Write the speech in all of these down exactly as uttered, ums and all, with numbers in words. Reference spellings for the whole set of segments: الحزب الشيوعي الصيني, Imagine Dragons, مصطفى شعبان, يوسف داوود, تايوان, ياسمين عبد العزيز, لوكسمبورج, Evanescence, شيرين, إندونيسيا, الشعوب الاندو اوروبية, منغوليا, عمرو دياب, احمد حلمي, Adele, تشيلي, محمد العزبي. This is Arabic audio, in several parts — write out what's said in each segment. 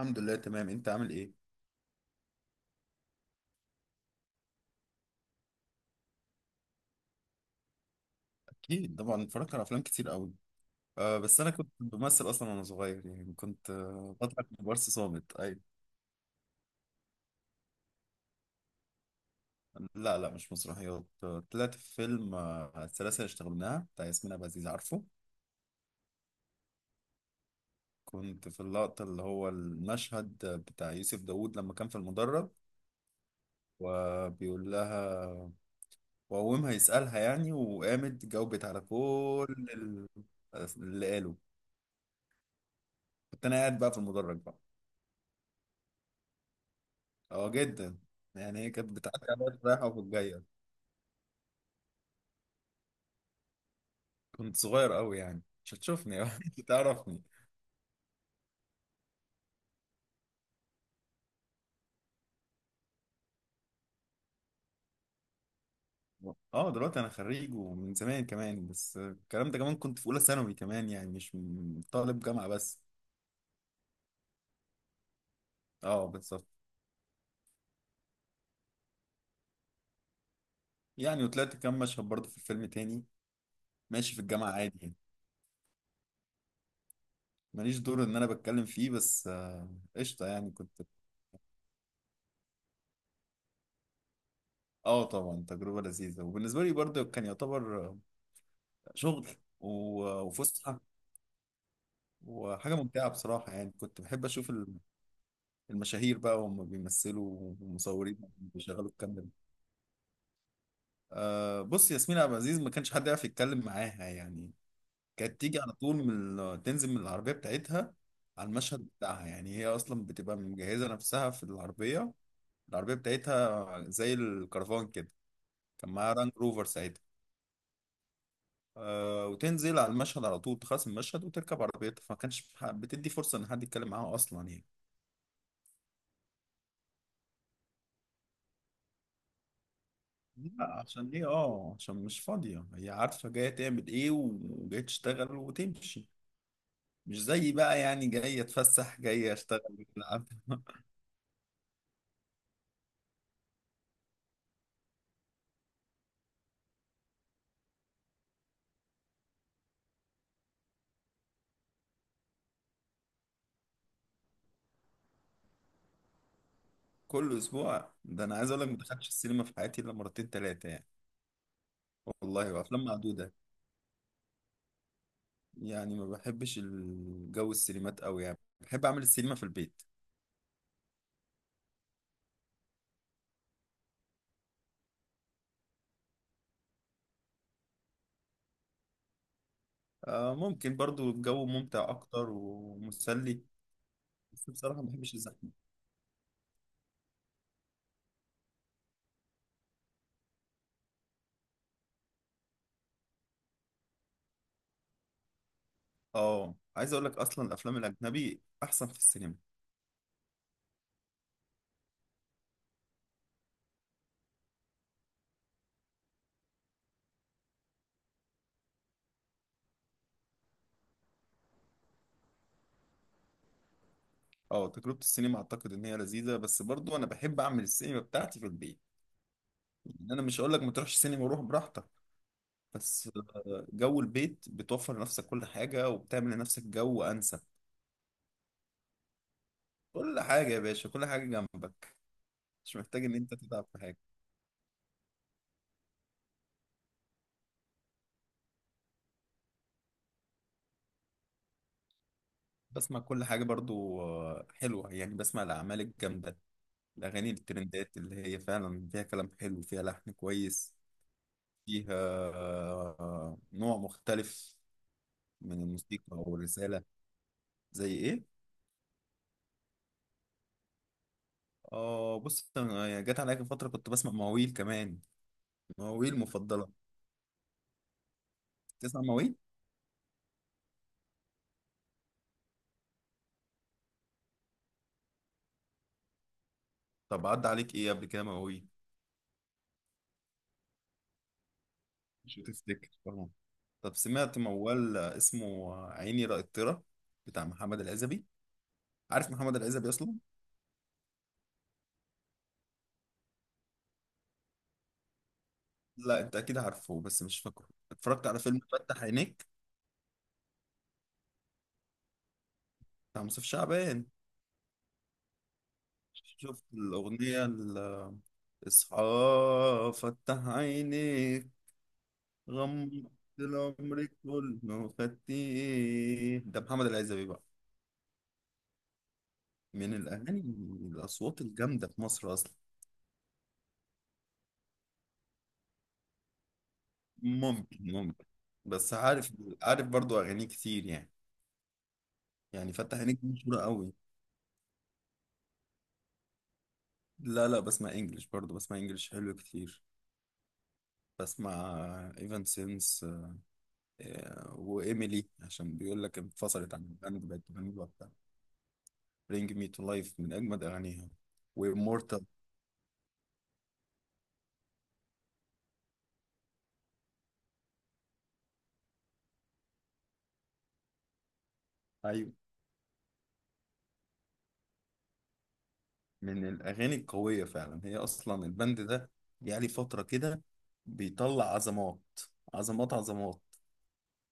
الحمد لله، تمام. انت عامل ايه؟ اكيد طبعا، اتفرجت على افلام كتير قوي. أه، بس انا كنت بمثل اصلا وانا صغير، يعني كنت آه، بطلع كبار صامت. اي؟ لا لا، مش مسرحيات. آه، طلعت في فيلم، آه، السلاسل اللي اشتغلناها بتاع ياسمين عبد العزيز، عارفه؟ كنت في اللقطة، اللي هو المشهد بتاع يوسف داوود لما كان في المدرج، وبيقول لها. وقومها يسألها يعني، وقامت جاوبت على كل ال- آه، اللي قاله. كنت انا قاعد بقى في المدرج بقى. اه، جدا. يعني هي كانت بتعدي على الوقت، رايحة وجاية. كنت صغير قوي يعني، مش هتشوفني أكيد تعرفني. اه، دلوقتي انا خريج ومن زمان كمان. بس الكلام ده كمان كنت في اولى ثانوي، كمان يعني مش م- طالب جامعة بس. اه، بالظبط. يعني وطلعت كام مشهد برضه في الفيلم تاني. ماشي في الجامعة عادي يعني، ماليش دور ان انا بتكلم فيه، بس آه، قشطة يعني كنت. اه طبعا، تجربة لذيذة، وبالنسبة لي برضه كان يعتبر آه، شغل و- وفسحة وحاجة ممتعة بصراحة. يعني كنت بحب أشوف المشاهير بقى وهم بيمثلوا، ومصورين بيشغلوا الكاميرا. آه بص، ياسمين عبد العزيز ما كانش حد يعرف يتكلم معاها يعني. كانت تيجي على طول من ال- تنزل من العربية بتاعتها على المشهد بتاعها. يعني هي أصلا بتبقى مجهزة نفسها في العربية. العربية بتاعتها زي الكرفان كده. كان معاها رانج روفر ساعتها. آه وتنزل على المشهد على طول، تخلص المشهد وتركب عربيتها. فما كانش ح- بتدي فرصة إن حد يتكلم معاها أصلا يعني. لا، عشان ايه؟ اه، عشان مش فاضية. هي عارفة جاية تعمل ايه، وجاية تشتغل وتمشي. مش زي بقى يعني جاية اتفسح، جاية اشتغل ألعب. كل اسبوع ده؟ انا عايز اقول لك، ما دخلتش السينما في حياتي الا مرتين تلاتة يعني. والله، وافلام معدودة. يعني ما بحبش الجو السينمات قوي، يعني بحب اعمل السينما في البيت. آه، ممكن برضو الجو ممتع اكتر ومسلي. بس بصراحة ما بحبش الزحمة. اه، عايز اقول لك، اصلا الافلام الاجنبي احسن في السينما. اه، تجربة السينما اعتقد ان هي لذيذة، بس برضو انا بحب اعمل السينما بتاعتي في البيت. يعني انا مش هقول لك ما تروحش السينما، وروح براحتك. بس آه، جو البيت بتوفر لنفسك كل حاجة، وبتعمل لنفسك جو انسب. كل حاجة يا باشا، كل حاجة جنبك. مش محتاج ان انت تتعب في حاجة. بسمع كل حاجة برضو، آه، حلوة يعني. بسمع الاعمال الجامدة، الاغاني الترندات اللي هي فعلا فيها كلام حلو، فيها لحن كويس، فيها آه، نوع مختلف من الموسيقى والرسالة. زي ايه؟ اه، بص، انا جت عليا فتره كنت بسمع مواويل كمان. مواويل مفضله. تسمع مواويل؟ طب عدى عليك ايه قبل كده مواويل؟ مش هتفتكر طبعا. طب سمعت موال اسمه عيني رأيترة بتاع محمد العزبي؟ عارف محمد العزبي اصلا؟ لا، انت اكيد عارفه بس مش فاكره. اتفرجت على فيلم فتح عينيك بتاع مصطفى شعبان؟ شفت الاغنيه ال- اصحى فتح عينيك، غمضت العمر كله، خدت ايه؟ ده محمد العزبي بقى، من الأغاني، الأصوات الجامدة في مصر أصلا. ممكن، ممكن. بس عارف، عارف برضو أغاني كتير يعني. يعني فتح عينيك دي مشهورة قوي. لا لا، بسمع إنجلش برضو، بسمع إنجلش حلو كتير. بسمع إيفان سينس آه، وإيميلي، عشان بيقول لك انفصلت عن الباند، بقت تغني لوحدها. برينج مي تو لايف من أجمد أغانيها، وإمورتال. أيوة، من الأغاني القوية فعلا. هي أصلا البند ده جه لي فترة كده بيطلع عظمات، عظمات عظمات.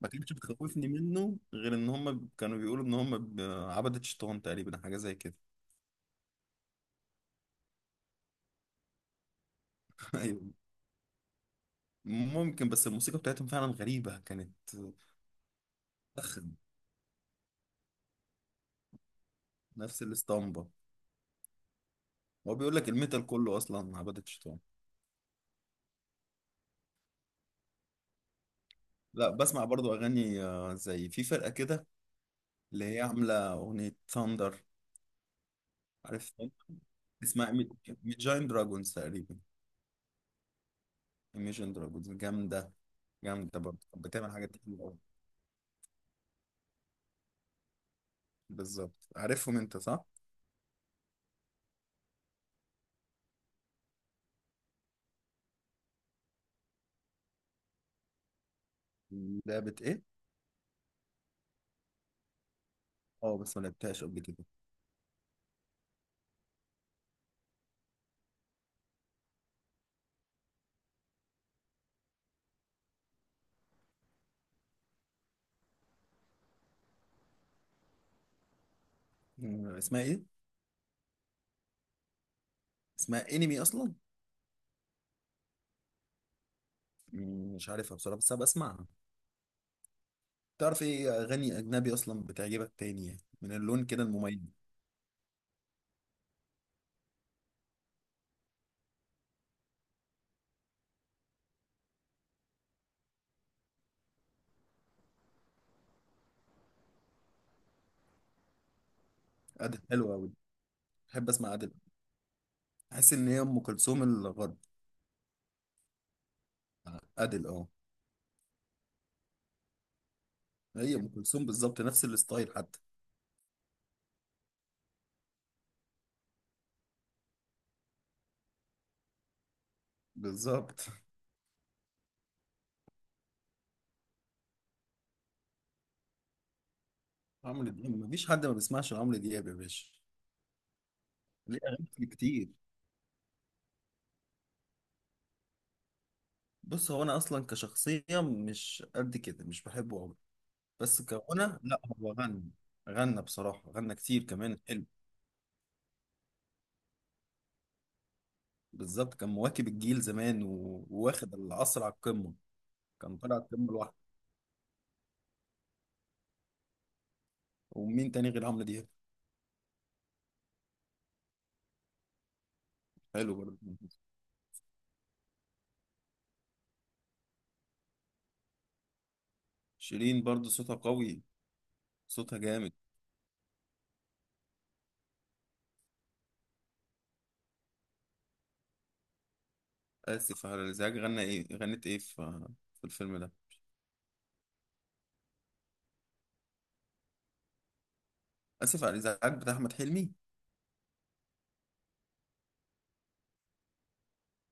ما كانتش بتخوفني منه غير إن هم كانوا بيقولوا إن هم ب- عبدة شيطان تقريبا، حاجة زي كده. أيوه، ممكن. بس الموسيقى بتاعتهم فعلا غريبة كانت. نفس الاسطمبة. هو بيقول لك الميتال كله أصلا عبدة شيطان. لا، بسمع برضو أغاني آه، زي في فرقة كده اللي هي عاملة أغنية ثاندر. عارف Thunder؟ اسمها ميت جاين دراجونز تقريبا. ايميجن دراجونز جامده. جامده برضه، بتعمل حاجات كتير قوي. بالظبط، عارفهم انت صح. لعبه ايه؟ اه بس ما لعبتهاش قبل كده. مم، اسمها ايه؟ اسمها انمي اصلا؟ مم، مش عارفها بصراحه، بس هبقى اسمعها. تعرف ايه اغاني اجنبي اصلا بتعجبك تاني، يعني من اللون كده المميز؟ ادل حلوه قوي. بحب اسمع ادل. احس ان هي ام كلثوم الغرب. ادل، اه. هي ام كلثوم بالظبط، نفس الستايل حتى. بالظبط. عمرو دياب مفيش حد ما بيسمعش عمرو دياب يا باشا. ليه اغاني كتير. بص، هو انا اصلا كشخصيه مش قد كده، مش بحبه قوي. بس كغنى لا، هو غنى، غنى بصراحه، غنى كتير كمان حلو. بالظبط، كان مواكب الجيل زمان و- وواخد العصر على القمه. كان طالع القمه لوحده. ومين تاني غير عمرو دياب؟ حلو برضه. شيرين برضه صوتها قوي، صوتها جامد. اسف على الازعاج، غنى ايه، غنت ايه في في الفيلم ده؟ اسف على الازعاج بتاع احمد حلمي.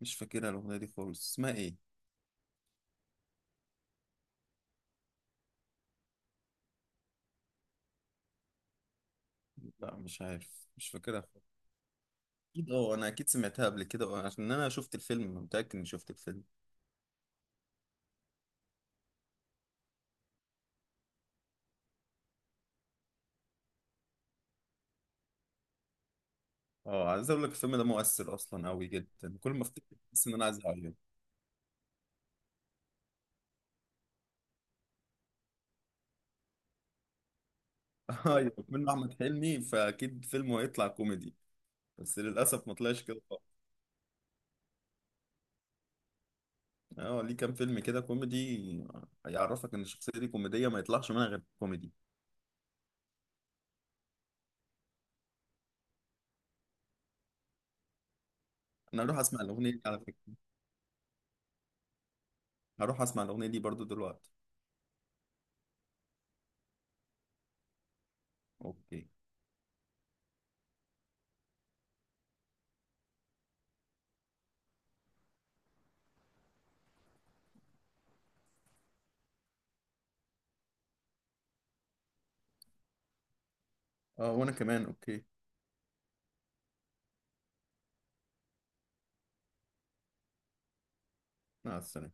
مش فاكرها الاغنيه دي خالص، اسمها ايه؟ لا مش عارف، مش فاكرها. اكيد اه، انا اكيد سمعتها قبل كده، آه، عشان انا شفت الفيلم، متاكد اني شفت الفيلم. اه، عايز اقول لك الفيلم ده مؤثر اصلا قوي جدا. كل ما افتكر بحس ان انا عايز اعيط. ايوه، منه احمد حلمي، فاكيد فيلمه هيطلع كوميدي. بس للاسف ما طلعش كده خالص. اه ليه؟ كام فيلم كده كوميدي هيعرفك ان الشخصيه دي كوميديه؟ ما يطلعش منها غير كوميدي. انا هروح اسمع الاغنيه دي على فكره. هروح اسمع الاغنيه دي برضو دلوقتي. اوكي. اه، وانا كمان اوكي. مع السلامه.